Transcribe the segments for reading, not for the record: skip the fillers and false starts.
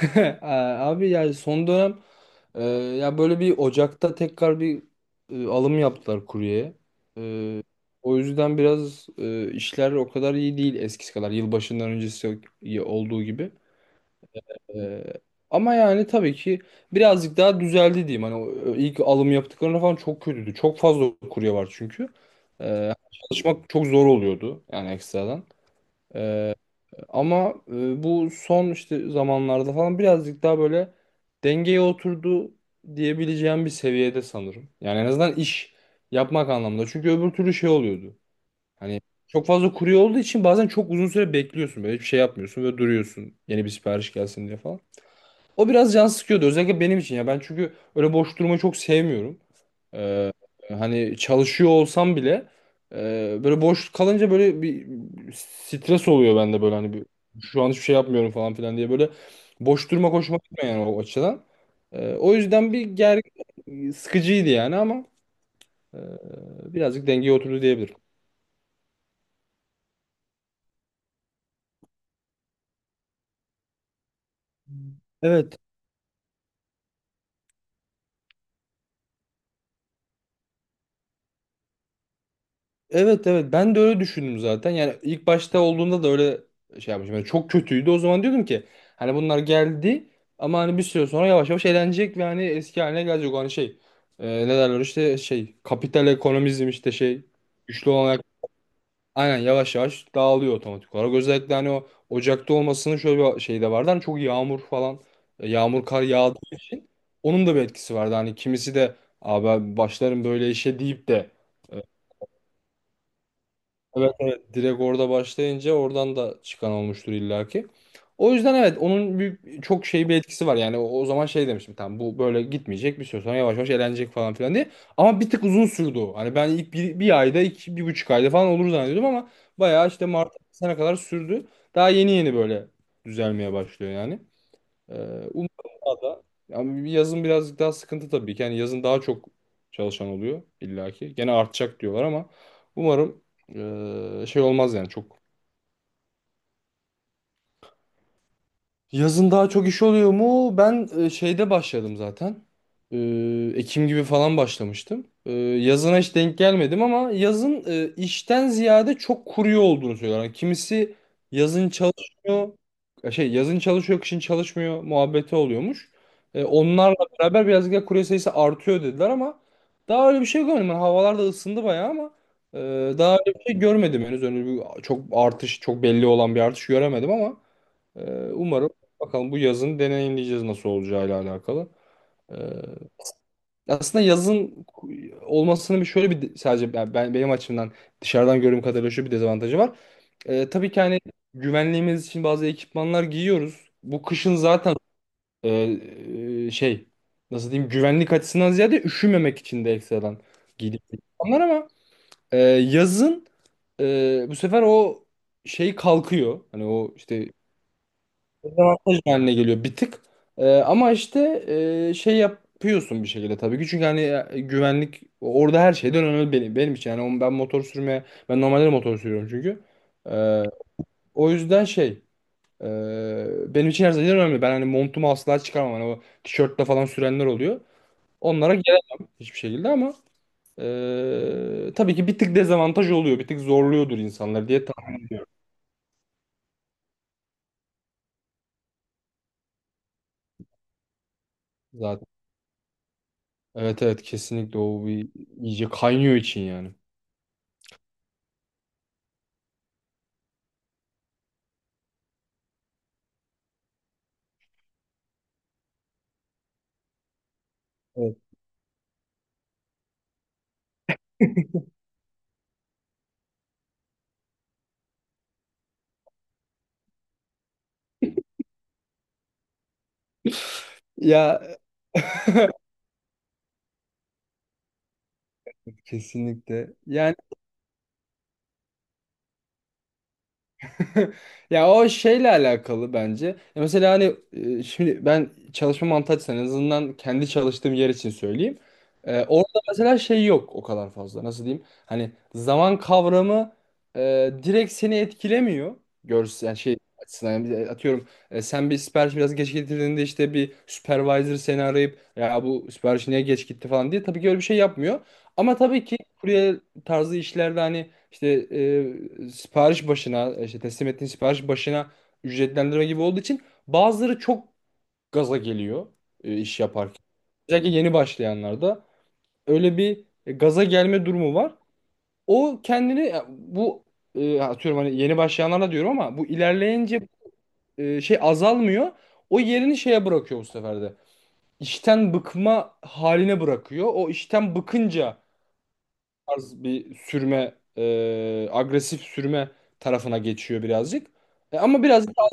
Abi yani son dönem ya böyle bir Ocak'ta tekrar bir alım yaptılar kuryeye. E, O yüzden biraz işler o kadar iyi değil eskisi kadar yılbaşından öncesi olduğu gibi. E, Ama yani tabii ki birazcık daha düzeldi diyeyim. Hani ilk alım yaptıklarında falan çok kötüydü. Çok fazla kurye var çünkü. Çalışmak çok zor oluyordu yani ekstradan. E, Ama bu son işte zamanlarda falan birazcık daha böyle dengeye oturdu diyebileceğim bir seviyede sanırım. Yani en azından iş yapmak anlamında. Çünkü öbür türlü şey oluyordu. Hani çok fazla kurye olduğu için bazen çok uzun süre bekliyorsun. Böyle hiçbir şey yapmıyorsun ve duruyorsun yeni bir sipariş gelsin diye falan. O biraz can sıkıyordu özellikle benim için ya. Ben çünkü öyle boş durmayı çok sevmiyorum. Ee, Hani çalışıyor olsam bile böyle boş kalınca böyle bir stres oluyor bende böyle hani bir, şu an hiçbir şey yapmıyorum falan filan diye böyle boş durma hoşuma gitmiyor yani o açıdan. O yüzden bir ger sıkıcıydı yani ama e, birazcık dengeye oturdu diyebilirim. Evet, evet, ben de öyle düşündüm zaten. Yani ilk başta olduğunda da öyle şey yapmışım. Yani çok kötüydü. O zaman diyordum ki hani bunlar geldi ama hani bir süre sonra yavaş yavaş eğlenecek ve hani eski haline gelecek. O hani şey ne derler işte şey kapital ekonomizm işte şey güçlü olarak aynen yavaş yavaş dağılıyor otomatik olarak. Özellikle hani o Ocak'ta olmasının şöyle bir şey de vardı. Hani çok yağmur falan yağmur kar yağdığı için onun da bir etkisi vardı. Hani kimisi de abi ben başlarım böyle işe deyip de e, evet, evet, direkt orada başlayınca oradan da çıkan olmuştur illaki. O yüzden evet onun bir, çok şey bir etkisi var. Yani o zaman şey demiştim tamam bu böyle gitmeyecek bir süre sonra yavaş yavaş elenecek falan filan diye. Ama bir tık uzun sürdü o. Hani ben ilk bir ayda iki, bir buçuk ayda falan olur zannediyordum ama bayağı işte Mart sene kadar sürdü. Daha yeni yeni böyle düzelmeye başlıyor yani. Ee, Umarım daha da. Ama yazın birazcık daha sıkıntı tabii ki. Yani yazın daha çok çalışan oluyor illaki. Gene artacak diyorlar ama umarım şey olmaz yani çok. Yazın daha çok iş oluyor mu? Ben şeyde başladım zaten. Ekim gibi falan başlamıştım. Yazına hiç denk gelmedim ama yazın işten ziyade çok kuruyor olduğunu söylüyorlar. Yani kimisi yazın çalışmıyor, şey yazın çalışıyor, kışın çalışmıyor muhabbeti oluyormuş. Onlarla beraber birazcık da kurye sayısı artıyor dediler ama daha öyle bir şey görmedim. Yani havalar da ısındı bayağı ama e, daha öyle bir şey görmedim henüz. Öyle bir çok artış, çok belli olan bir artış göremedim ama. Ee, Umarım bakalım bu yazın deneyimleyeceğiz nasıl olacağıyla alakalı. Ee, Aslında yazın olmasının bir şöyle bir sadece ben, benim açımdan dışarıdan gördüğüm kadarıyla şu bir dezavantajı var. Tabii ki hani güvenliğimiz için bazı ekipmanlar giyiyoruz. Bu kışın zaten e, şey nasıl diyeyim güvenlik açısından ziyade üşümemek için de ekstradan giydiğimiz ekipmanlar ama yazın bu sefer o şey kalkıyor. Hani o işte dezavantaj haline geliyor bir tık. Ama işte şey yapıyorsun bir şekilde tabii ki. Çünkü hani güvenlik orada her şeyden önemli benim için. Yani ben motor sürmeye, ben normalde de motor sürüyorum çünkü. Ee, O yüzden şey benim için her şeyden önemli. Ben hani montumu asla çıkarmam. Hani o tişörtle falan sürenler oluyor. Onlara gelemem hiçbir şekilde ama tabii ki bir tık dezavantaj oluyor. Bir tık zorluyordur insanlar diye tahmin zaten. Evet, evet, kesinlikle o bir iyice kaynıyor için yani. Ya kesinlikle. Yani ya o şeyle alakalı bence. Ya mesela hani şimdi ben çalışma mantığı açısından en azından kendi çalıştığım yer için söyleyeyim. Orada mesela şey yok o kadar fazla. Nasıl diyeyim? Hani zaman kavramı direkt seni etkilemiyor. Görsel yani şey açısından yani atıyorum sen bir sipariş biraz geç getirdiğinde işte bir supervisor seni arayıp ya bu sipariş niye geç gitti falan diye tabii ki öyle bir şey yapmıyor. Ama tabii ki kurye tarzı işlerde hani İşte sipariş başına, işte teslim ettiğin sipariş başına ücretlendirme gibi olduğu için bazıları çok gaza geliyor iş yaparken. Özellikle yeni başlayanlarda öyle bir gaza gelme durumu var. O kendini ya bu atıyorum hani yeni başlayanlara diyorum ama bu ilerleyince şey azalmıyor. O yerini şeye bırakıyor bu sefer de. İşten bıkma haline bırakıyor. O işten bıkınca tarz bir sürme, agresif sürme tarafına geçiyor birazcık. Ama birazcık daha,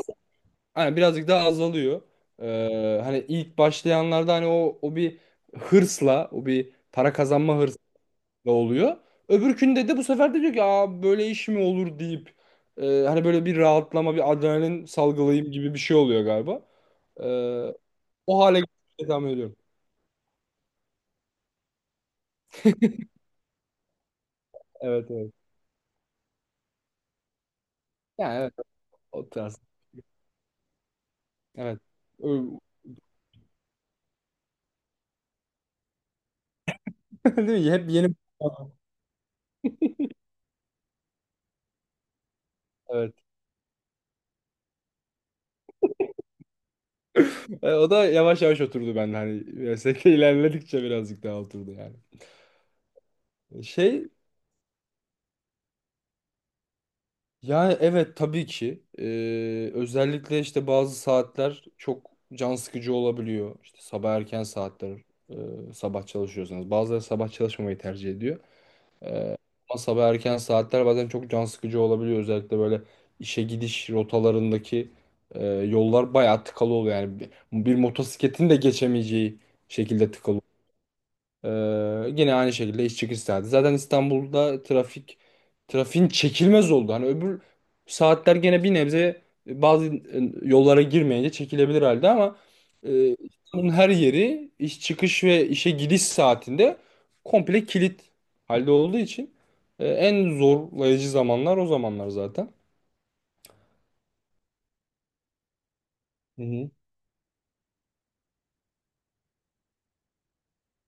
hani birazcık daha azalıyor. Hani ilk başlayanlarda hani o bir hırsla, o bir para kazanma hırsla oluyor. Öbürkünde de bu sefer de diyor ki aa, böyle iş mi olur deyip hani böyle bir rahatlama, bir adrenalin salgılayayım gibi bir şey oluyor galiba. E, O hale getirmeyi tahmin ediyorum. Evet, evet. Yani evet o tarz. Evet. Ö- Değil mi? Hep yeni. Evet. O da yavaş yavaş oturdu bende hani meslekte ilerledikçe birazcık daha oturdu yani. Şey yani evet tabii ki özellikle işte bazı saatler çok can sıkıcı olabiliyor. İşte sabah erken saatler sabah çalışıyorsanız bazıları sabah çalışmamayı tercih ediyor. Ama sabah erken saatler bazen çok can sıkıcı olabiliyor özellikle böyle işe gidiş rotalarındaki yollar bayağı tıkalı oluyor yani bir, motosikletin de geçemeyeceği şekilde tıkalı. Ee, Yine aynı şekilde iş çıkış saati. Zaten İstanbul'da trafiğin çekilmez oldu. Hani öbür saatler gene bir nebze bazı yollara girmeyince çekilebilir halde ama İstanbul'un her yeri iş çıkış ve işe gidiş saatinde komple kilit halde olduğu için en zorlayıcı zamanlar o zamanlar zaten. Hı hı.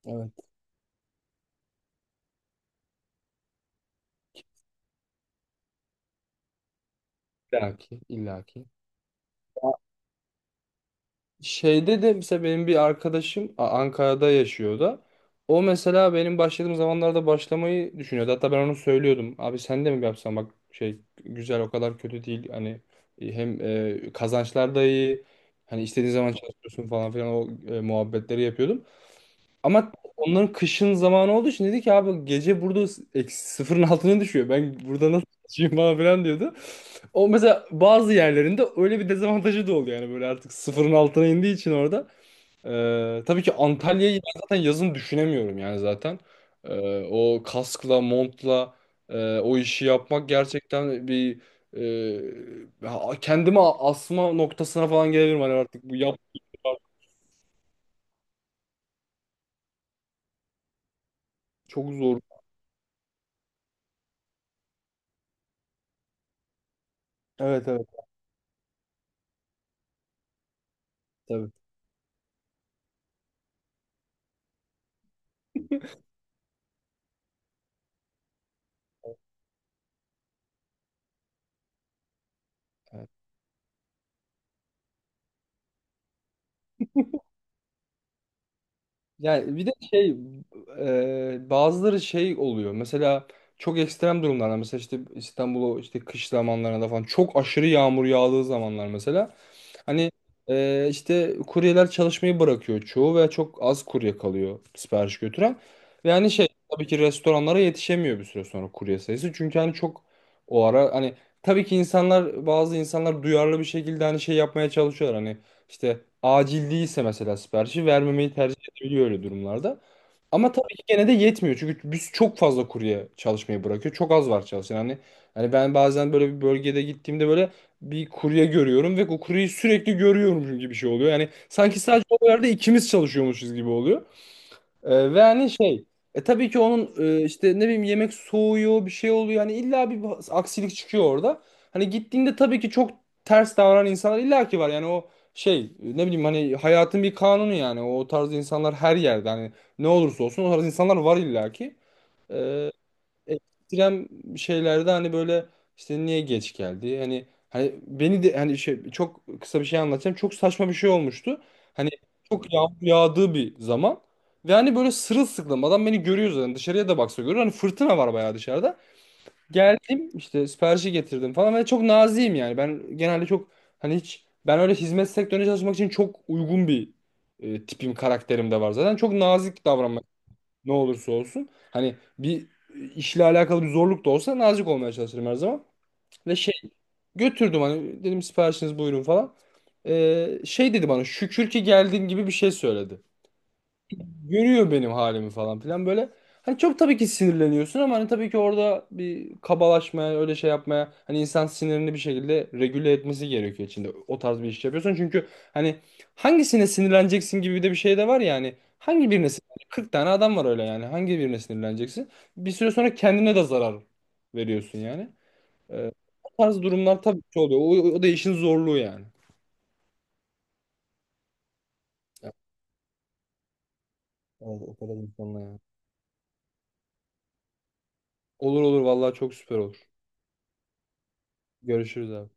Evet. İllaki, illaki. Şeyde de mesela benim bir arkadaşım Ankara'da yaşıyor o da. O mesela benim başladığım zamanlarda başlamayı düşünüyordu. Hatta ben onu söylüyordum. Abi sen de mi yapsan bak şey güzel o kadar kötü değil. Hani hem kazançlar da iyi. Hani istediğin zaman çalışıyorsun falan filan o muhabbetleri yapıyordum. Ama onların kışın zamanı olduğu için dedi ki abi gece burada eksi sıfırın altına düşüyor. Ben burada nasıl çalışayım falan filan diyordu. O mesela bazı yerlerinde öyle bir dezavantajı da oluyor. Yani böyle artık sıfırın altına indiği için orada. Tabii ki Antalya'yı ben zaten yazın düşünemiyorum yani zaten. O kaskla, montla o işi yapmak gerçekten bir kendimi asma noktasına falan gelebilirim. Hani artık bu yap çok zor. Evet, evet, tabii. Yani bir de şey bazıları şey oluyor. Mesela çok ekstrem durumlarda mesela işte İstanbul'u işte kış zamanlarında falan çok aşırı yağmur yağdığı zamanlar mesela. Hani işte kuryeler çalışmayı bırakıyor çoğu ve çok az kurye kalıyor sipariş götüren. Ve hani şey tabii ki restoranlara yetişemiyor bir süre sonra kurye sayısı. Çünkü hani çok o ara hani tabii ki insanlar bazı insanlar duyarlı bir şekilde hani şey yapmaya çalışıyorlar. Hani işte acil değilse mesela siparişi vermemeyi tercih edebiliyor öyle durumlarda. Ama tabii ki gene de yetmiyor. Çünkü biz çok fazla kurye çalışmayı bırakıyor. Çok az var çalışan. Hani ben bazen böyle bir bölgede gittiğimde böyle bir kurye görüyorum ve o kuryeyi sürekli görüyormuşum gibi bir şey oluyor. Yani sanki sadece o yerde ikimiz çalışıyormuşuz gibi oluyor. Ve hani şey tabii ki onun işte ne bileyim yemek soğuyor bir şey oluyor. Yani illa bir aksilik çıkıyor orada. Hani gittiğinde tabii ki çok ters davranan insanlar illa ki var. Yani o şey ne bileyim hani hayatın bir kanunu yani o tarz insanlar her yerde hani ne olursa olsun o tarz insanlar var illa ki ekstrem şeylerde hani böyle işte niye geç geldi? Hani beni de hani şey çok kısa bir şey anlatacağım. Çok saçma bir şey olmuştu. Hani çok yağmur yağdığı bir zaman ve hani böyle sırılsıklam adam beni görüyor zaten dışarıya da baksa görüyor. Hani fırtına var bayağı dışarıda. Geldim işte siparişi getirdim falan ve çok naziyim yani. Ben genelde çok hani hiç ben öyle hizmet sektörüne çalışmak için çok uygun bir tipim karakterim de var zaten. Çok nazik davranmaya ne olursa olsun. Hani bir işle alakalı bir zorluk da olsa nazik olmaya çalışırım her zaman. Ve şey götürdüm hani dedim siparişiniz buyurun falan. Şey dedi bana şükür ki geldin gibi bir şey söyledi görüyor benim halimi falan filan böyle. Hani çok tabii ki sinirleniyorsun ama hani tabii ki orada bir kabalaşmaya, öyle şey yapmaya hani insan sinirini bir şekilde regüle etmesi gerekiyor içinde. O tarz bir iş yapıyorsun çünkü hani hangisine sinirleneceksin gibi de bir şey de var ya hani hangi birine sinirleneceksin? 40 tane adam var öyle yani. Hangi birine sinirleneceksin? Bir süre sonra kendine de zarar veriyorsun yani. Ee, O tarz durumlar tabii ki oluyor. O da işin zorluğu yani. Evet, o kadar insanla yani. Olur, olur, vallahi çok süper olur. Görüşürüz abi.